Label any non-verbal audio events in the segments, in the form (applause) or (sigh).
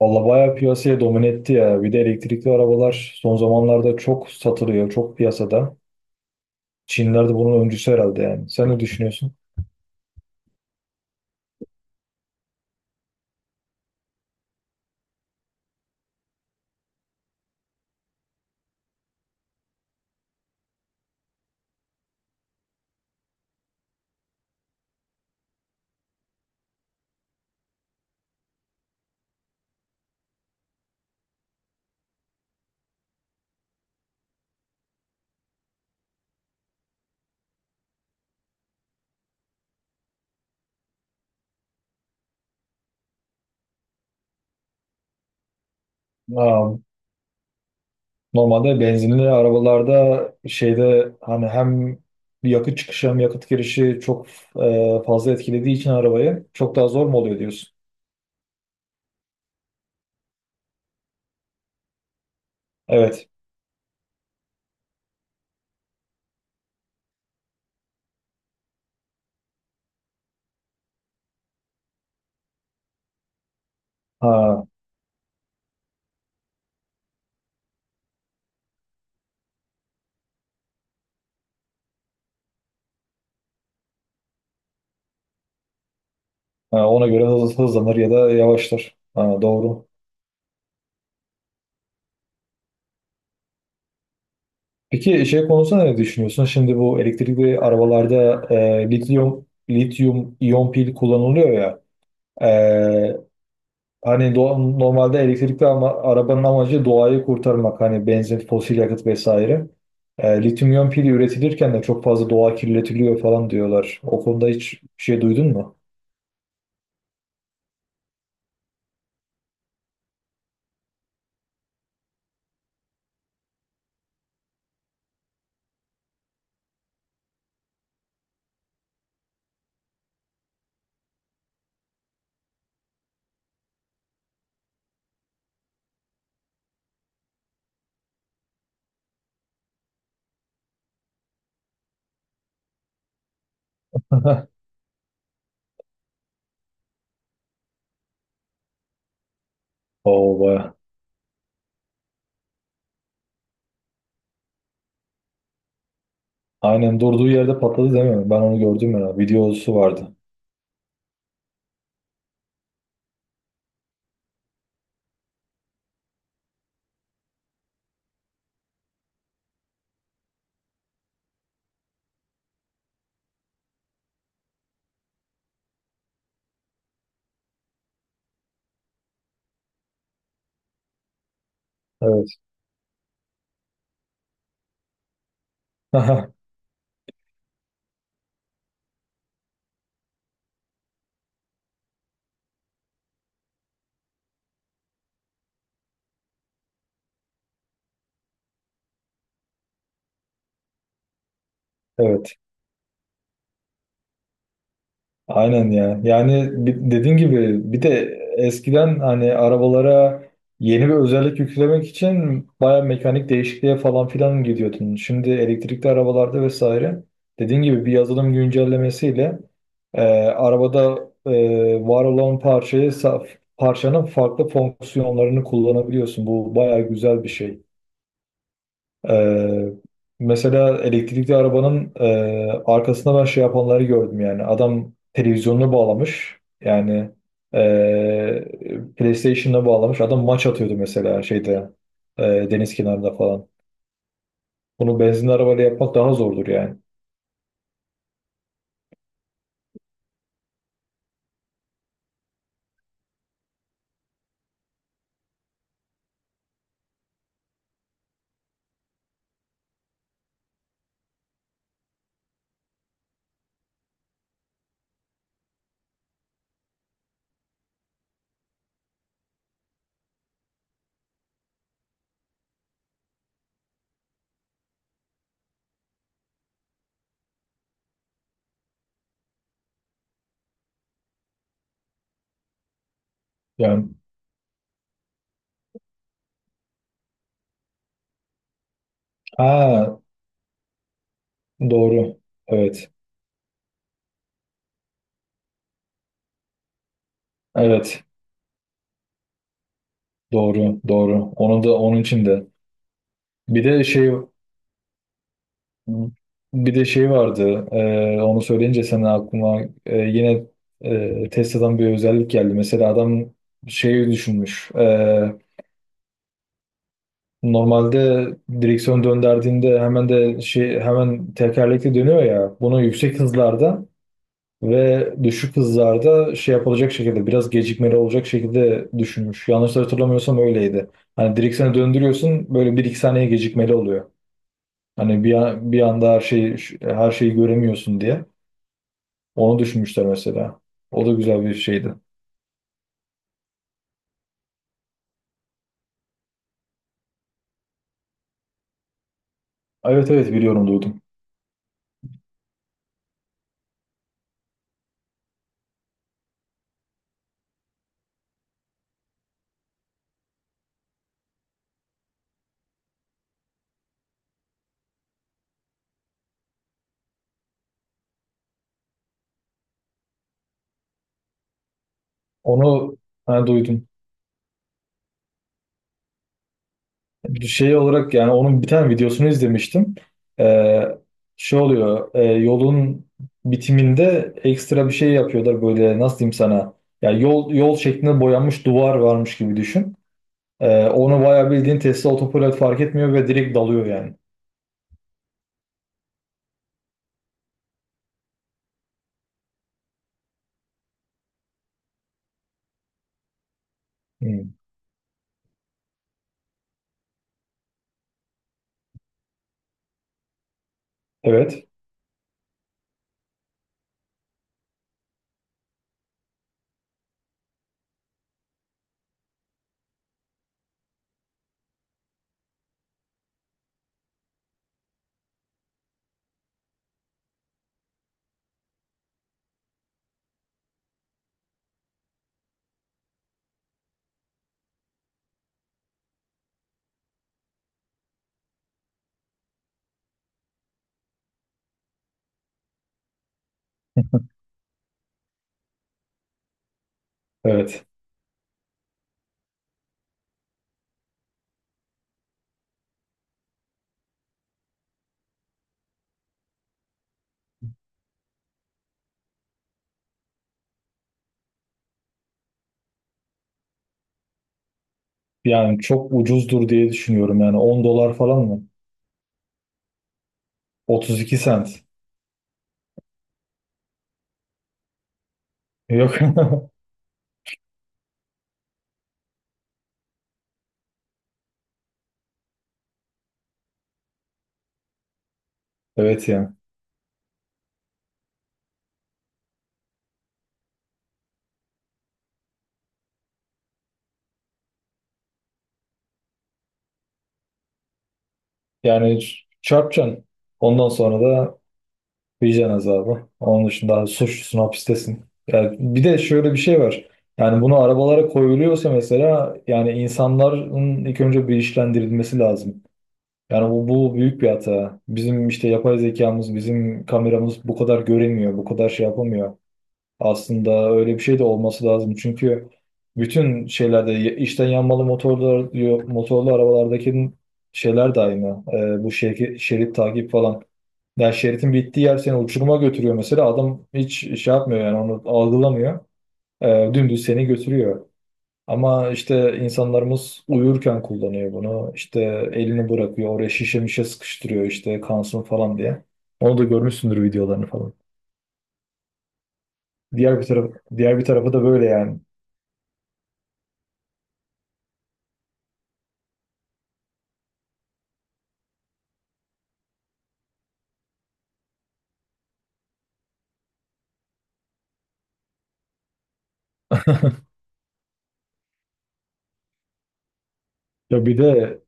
Valla bayağı piyasaya domine etti ya. Bir de elektrikli arabalar son zamanlarda çok satılıyor, çok piyasada. Çinler de bunun öncüsü herhalde yani. Sen ne düşünüyorsun? Aa, Normalde benzinli arabalarda şeyde hani hem yakıt çıkışı hem yakıt girişi çok fazla etkilediği için arabayı çok daha zor mu oluyor diyorsun? Evet. Ha, ha, ona göre hızlanır ya da yavaşlar. Ha, doğru. Peki şey konusunda ne düşünüyorsun? Şimdi bu elektrikli arabalarda lityum iyon pil kullanılıyor ya. e, Hani normalde elektrikli ama arabanın amacı doğayı kurtarmak. Hani benzin, fosil yakıt vesaire. E, lityum iyon pili üretilirken de çok fazla doğa kirletiliyor falan diyorlar. O konuda hiç bir şey duydun mu? (laughs) Oo baya. Aynen durduğu yerde patladı değil mi? Ben onu gördüm ya. Videosu vardı. Evet. (laughs) Evet. Aynen ya. Yani dediğin gibi bir de eskiden hani arabalara yeni bir özellik yüklemek için baya mekanik değişikliğe falan filan gidiyordun. Şimdi elektrikli arabalarda vesaire dediğin gibi bir yazılım güncellemesiyle arabada var olan parçayı parçanın farklı fonksiyonlarını kullanabiliyorsun. Bu baya güzel bir şey. Ee, mesela elektrikli arabanın arkasında ben şey yapanları gördüm yani. Adam televizyonunu bağlamış. Yani PlayStation'ına bağlamış. Adam maç atıyordu mesela şeyde e, deniz kenarında falan. Bunu benzinli arabayla yapmak daha zordur yani. Yani, ha doğru. Evet. Evet. Doğru. Doğru. Onu da onun için de. Bir de şey Bir de şey vardı. Onu söyleyince sen aklıma yine Tesla'dan bir özellik geldi. Mesela adam şey düşünmüş. Normalde direksiyon döndürdüğünde hemen de şey hemen tekerlekli dönüyor ya. Bunu yüksek hızlarda Ve düşük hızlarda şey yapılacak şekilde biraz gecikmeli olacak şekilde düşünmüş. Yanlış hatırlamıyorsam öyleydi. Hani direksiyonu döndürüyorsun böyle 1-2 saniye gecikmeli oluyor. Hani bir anda her şeyi göremiyorsun diye. Onu düşünmüşler mesela. O da güzel bir şeydi. Evet evet biliyorum duydum. Onu ben duydum. Şey olarak yani onun bir tane videosunu izlemiştim. Ee, şey oluyor yolun bitiminde ekstra bir şey yapıyorlar böyle nasıl diyeyim sana ya yol şeklinde boyanmış duvar varmış gibi düşün. Onu bayağı bildiğin Tesla otopilot fark etmiyor ve direkt dalıyor yani. Hmm. Evet, evet. Yani çok ucuzdur diye düşünüyorum yani 10 dolar falan mı? 32 sent. Yok. (laughs) Evet ya. Yani çarpacaksın. Ondan sonra da vicdan azabı. Onun dışında suçlusun hapistesin. Yani bir de şöyle bir şey var. Yani bunu arabalara koyuluyorsa mesela yani insanların ilk önce bilinçlendirilmesi lazım. Yani bu büyük bir hata. Bizim işte yapay zekamız, bizim kameramız bu kadar göremiyor, bu kadar şey yapamıyor. Aslında öyle bir şey de olması lazım. Çünkü bütün şeylerde içten yanmalı motorlar diyor, motorlu arabalardaki şeyler de aynı. Bu şerit takip falan. Yani şeritin bittiği yer seni uçuruma götürüyor mesela. Adam hiç şey yapmıyor yani onu algılamıyor. Dümdüz seni götürüyor. Ama işte insanlarımız uyurken kullanıyor bunu. İşte elini bırakıyor oraya şişe mişe sıkıştırıyor işte kansın falan diye. Onu da görmüşsündür videolarını falan. Diğer bir taraf, diğer bir tarafı da böyle yani. Ya bir de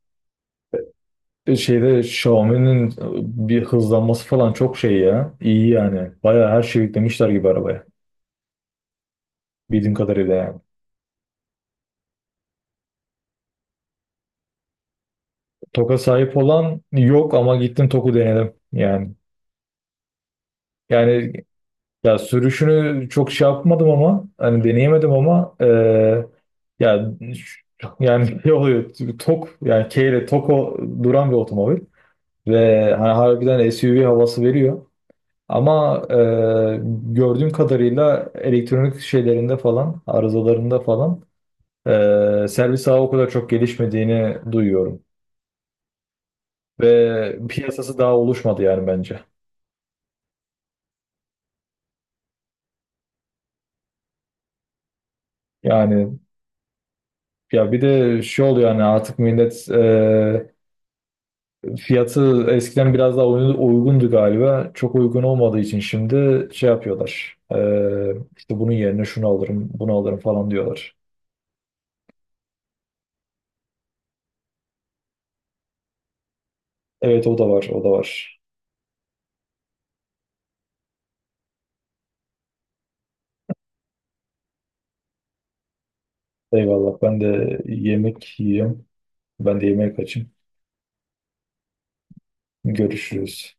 şeyde Xiaomi'nin bir hızlanması falan çok şey ya. İyi yani. Bayağı her şeyi yüklemişler gibi arabaya. Bildiğim kadarıyla yani. TOG'a sahip olan yok ama gittim Toku denedim yani. Yani ya sürüşünü çok şey yapmadım ama hani deneyemedim ama ya yani (laughs) ne oluyor? TOG yani K ile TOG'u duran bir otomobil ve hani harbiden SUV havası veriyor. Ama e, gördüğüm kadarıyla elektronik şeylerinde falan, arızalarında falan servis ağı o kadar çok gelişmediğini duyuyorum. Ve piyasası daha oluşmadı yani bence. Yani ya bir de şey oluyor yani artık millet fiyatı eskiden biraz daha uygundu galiba. Çok uygun olmadığı için şimdi şey yapıyorlar. İşte bunun yerine şunu alırım, bunu alırım falan diyorlar. Evet o da var, o da var. Eyvallah ben de yemek yiyeyim. Ben de yemeğe kaçayım. Görüşürüz.